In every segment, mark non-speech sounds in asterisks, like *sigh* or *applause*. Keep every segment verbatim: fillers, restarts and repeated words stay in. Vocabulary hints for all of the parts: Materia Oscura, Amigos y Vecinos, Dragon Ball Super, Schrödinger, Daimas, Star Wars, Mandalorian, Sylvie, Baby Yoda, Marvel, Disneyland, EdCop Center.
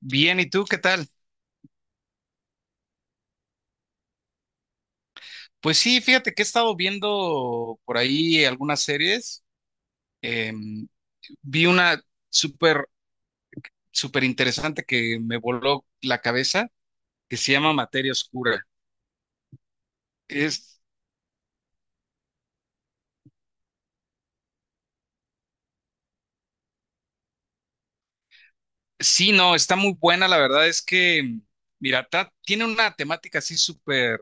Bien, ¿y tú qué tal? Pues sí, fíjate que he estado viendo por ahí algunas series. Em, vi una súper, súper interesante que me voló la cabeza, que se llama Materia Oscura. Es, sí, no, está muy buena. La verdad es que, mira, tra- tiene una temática así súper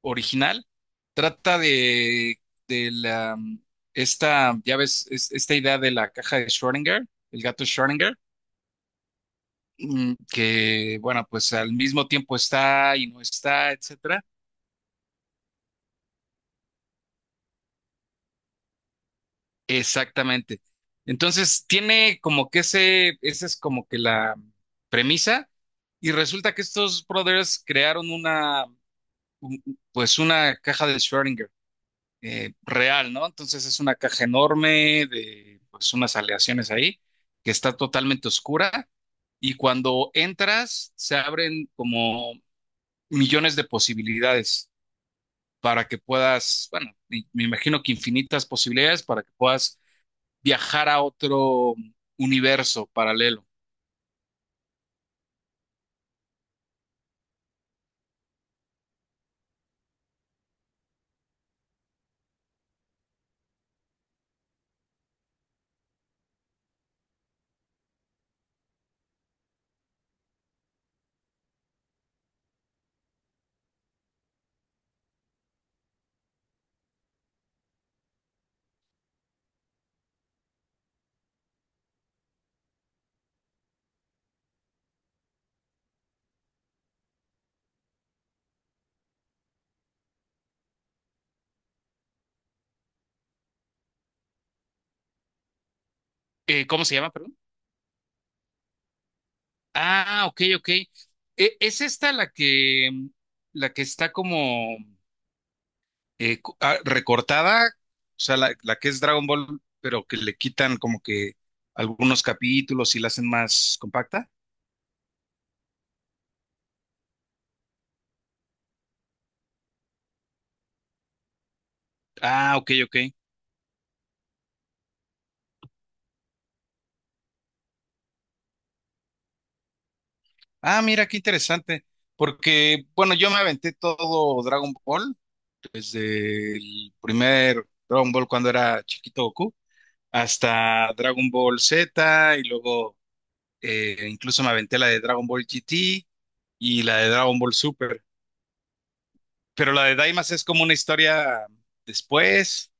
original. Trata de, de la, esta, ya ves, es- esta idea de la caja de Schrödinger, el gato Schrödinger. Mm, que, bueno, pues al mismo tiempo está y no está, etcétera. Exactamente. Entonces, tiene como que ese, esa es como que la premisa, y resulta que estos brothers crearon una, un- pues una caja de Schrödinger eh, real, ¿no? Entonces es una caja enorme de, pues unas aleaciones ahí, que está totalmente oscura, y cuando entras, se abren como millones de posibilidades, para que puedas, bueno, me me imagino que infinitas posibilidades para que puedas viajar a otro universo paralelo. Eh, ¿cómo se llama, perdón? Ah, ok, ok. E- ¿Es esta la que, la que está como eh, cu- ah, recortada? O sea, la, la que es Dragon Ball, pero que le quitan como que algunos capítulos y la hacen más compacta. Ah, ok, ok. Ah, mira, qué interesante. Porque, bueno, yo me aventé todo Dragon Ball desde el primer Dragon Ball cuando era chiquito Goku, hasta Dragon Ball Z y luego, eh, incluso me aventé la de Dragon Ball G T y la de Dragon Ball Super. Pero la de Daimas es como una historia después.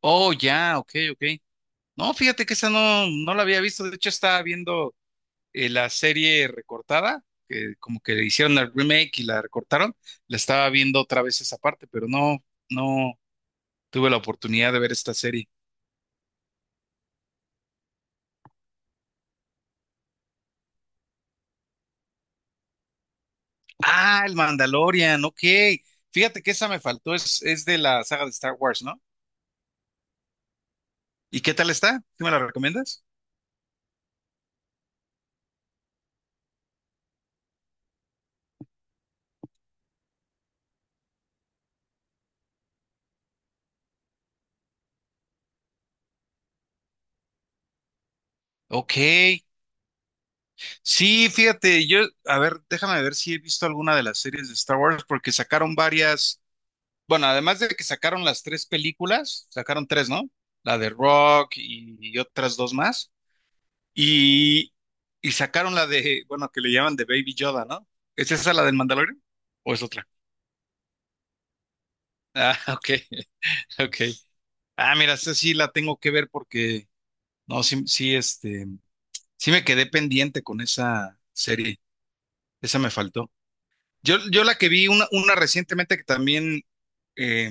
Oh, ya, ok, ok. No, fíjate que esa no, no la había visto. De hecho, estaba viendo eh, la serie recortada, que como que le hicieron el remake y la recortaron. La estaba viendo otra vez esa parte, pero no, no tuve la oportunidad de ver esta serie. Ah, el Mandalorian, ok. Fíjate que esa me faltó, es, es de la saga de Star Wars, ¿no? ¿Y qué tal está? ¿Tú me la recomiendas? Ok. Sí, fíjate, yo, a ver, déjame ver si he visto alguna de las series de Star Wars, porque sacaron varias, bueno, además de que sacaron las tres películas, sacaron tres, ¿no? La de Rock y, y otras dos más. Y, y sacaron la de, bueno, que le llaman de Baby Yoda, ¿no? ¿Es esa la del Mandalorian? ¿O es otra? Ah, *laughs* ok, ok. Ah, mira, esta sí la tengo que ver porque, no, sí, sí, este, sí me quedé pendiente con esa serie, esa me faltó. Yo, yo la que vi, una, una recientemente que también eh,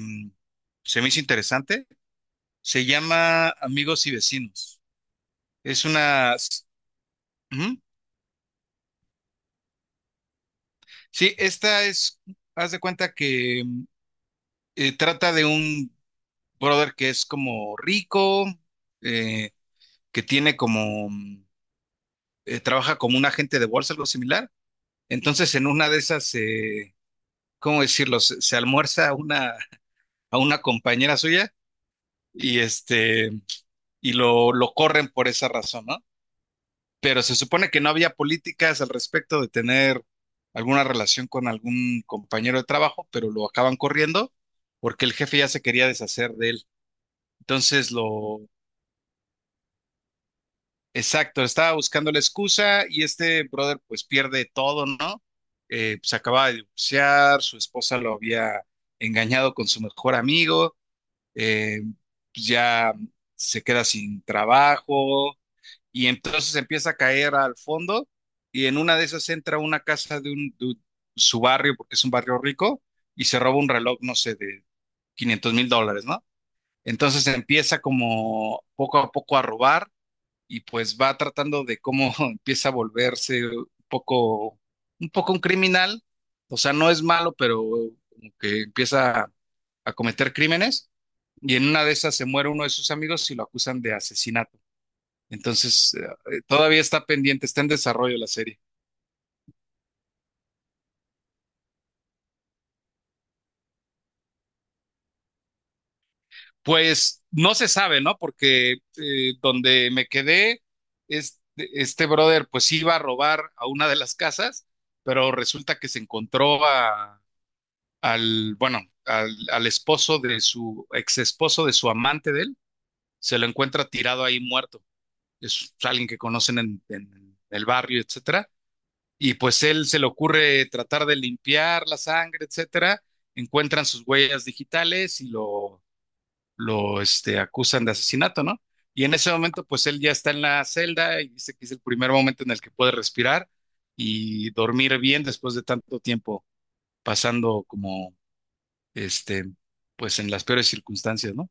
se me hizo interesante, se llama Amigos y Vecinos. Es una, ujú. Sí, esta es, haz de cuenta que em, eh, trata de un brother que es como rico, eh, que tiene como, mm, eh, trabaja como un agente de bolsa, algo similar. Entonces, en una de esas, eh, ¿cómo decirlo? Se, se almuerza a una, a una compañera suya y este, y lo, lo corren por esa razón, ¿no? Pero se supone que no había políticas al respecto de tener alguna relación con algún compañero de trabajo, pero lo acaban corriendo porque el jefe ya se quería deshacer de él. Entonces lo... Exacto, estaba buscando la excusa y este brother pues pierde todo, ¿no? Eh, se acaba de divorciar, su esposa lo había engañado con su mejor amigo, eh, pues, ya se queda sin trabajo y entonces empieza a caer al fondo y en una de esas entra a una casa de, un, de un- su barrio, porque es un barrio rico, y se roba un reloj, no sé, de quinientos mil dólares mil dólares, ¿no? Entonces empieza como poco a poco a robar y pues va tratando de cómo *laughs* empieza a volverse un poco, un poco un criminal, o sea, no es malo, pero como que empieza a, a cometer crímenes y en una de esas se muere uno de sus amigos y lo acusan de asesinato. Entonces, eh, todavía está pendiente, está en desarrollo la serie. Pues no se sabe, ¿no? Porque eh, donde me quedé, este, este brother pues iba a robar a una de las casas, pero resulta que se encontró a al, bueno, al, al esposo de su ex esposo de su amante de él, se lo encuentra tirado ahí muerto. Es alguien que conocen en, en el barrio, etcétera. Y pues él se le ocurre tratar de limpiar la sangre, etcétera. Encuentran sus huellas digitales y lo, lo este, acusan de asesinato, ¿no? Y en ese momento, pues él ya está en la celda y dice que es el primer momento en el que puede respirar y dormir bien después de tanto tiempo pasando como este, pues en las peores circunstancias, ¿no?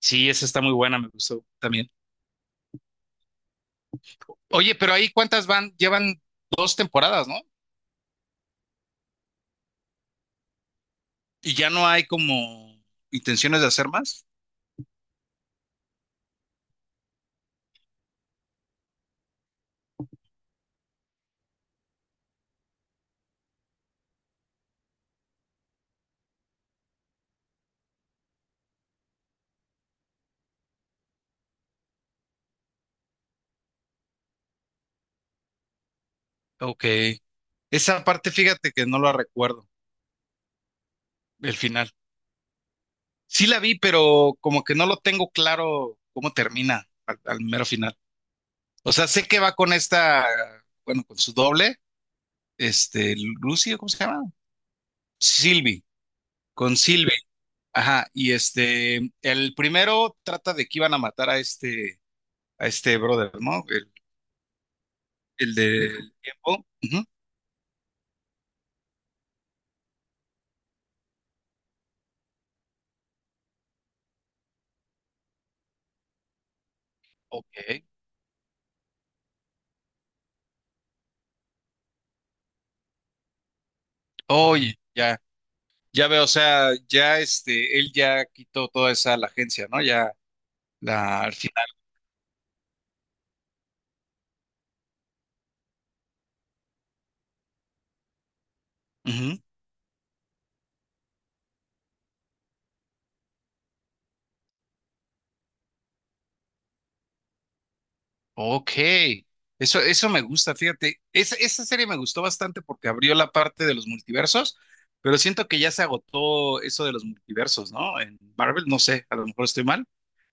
Sí, esa está muy buena, me gustó también. Oye, pero ahí cuántas van, llevan dos temporadas, ¿no? Y ya no hay como intenciones de hacer más. Ok. Esa parte, fíjate que no la recuerdo, el final. Sí la vi, pero como que no lo tengo claro cómo termina al, al mero final. O sea, sé que va con esta, bueno, con su doble, este, Lucy, ¿cómo se llama? Sylvie, con Sylvie. Ajá, y este, el primero trata de que iban a matar a este, a este brother, ¿no? El, el del tiempo. Ujú. Ok. Oye, ya, ya veo, o sea, ya este, él ya quitó toda esa la agencia, ¿no? Ya la al final. Ujú. Ok. Eso, eso me gusta, fíjate. Esa, esa serie me gustó bastante porque abrió la parte de los multiversos, pero siento que ya se agotó eso de los multiversos, ¿no? En Marvel, no sé, a lo mejor estoy mal.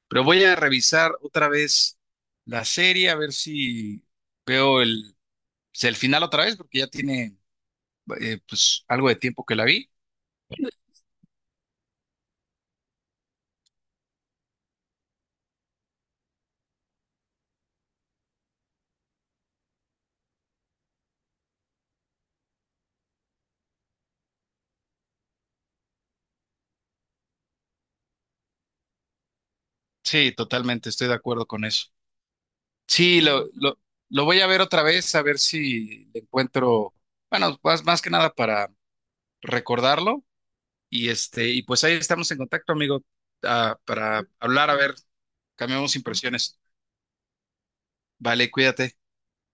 Pero voy a revisar otra vez la serie, a ver si veo el, si el final otra vez, porque ya tiene eh, pues algo de tiempo que la vi. Sí, totalmente, estoy de acuerdo con eso. Sí, lo, lo, lo voy a ver otra vez, a ver si le encuentro, bueno, más, más que nada para recordarlo. Y este, y pues ahí estamos en contacto, amigo, ah, para hablar, a ver, cambiamos impresiones. Vale, cuídate.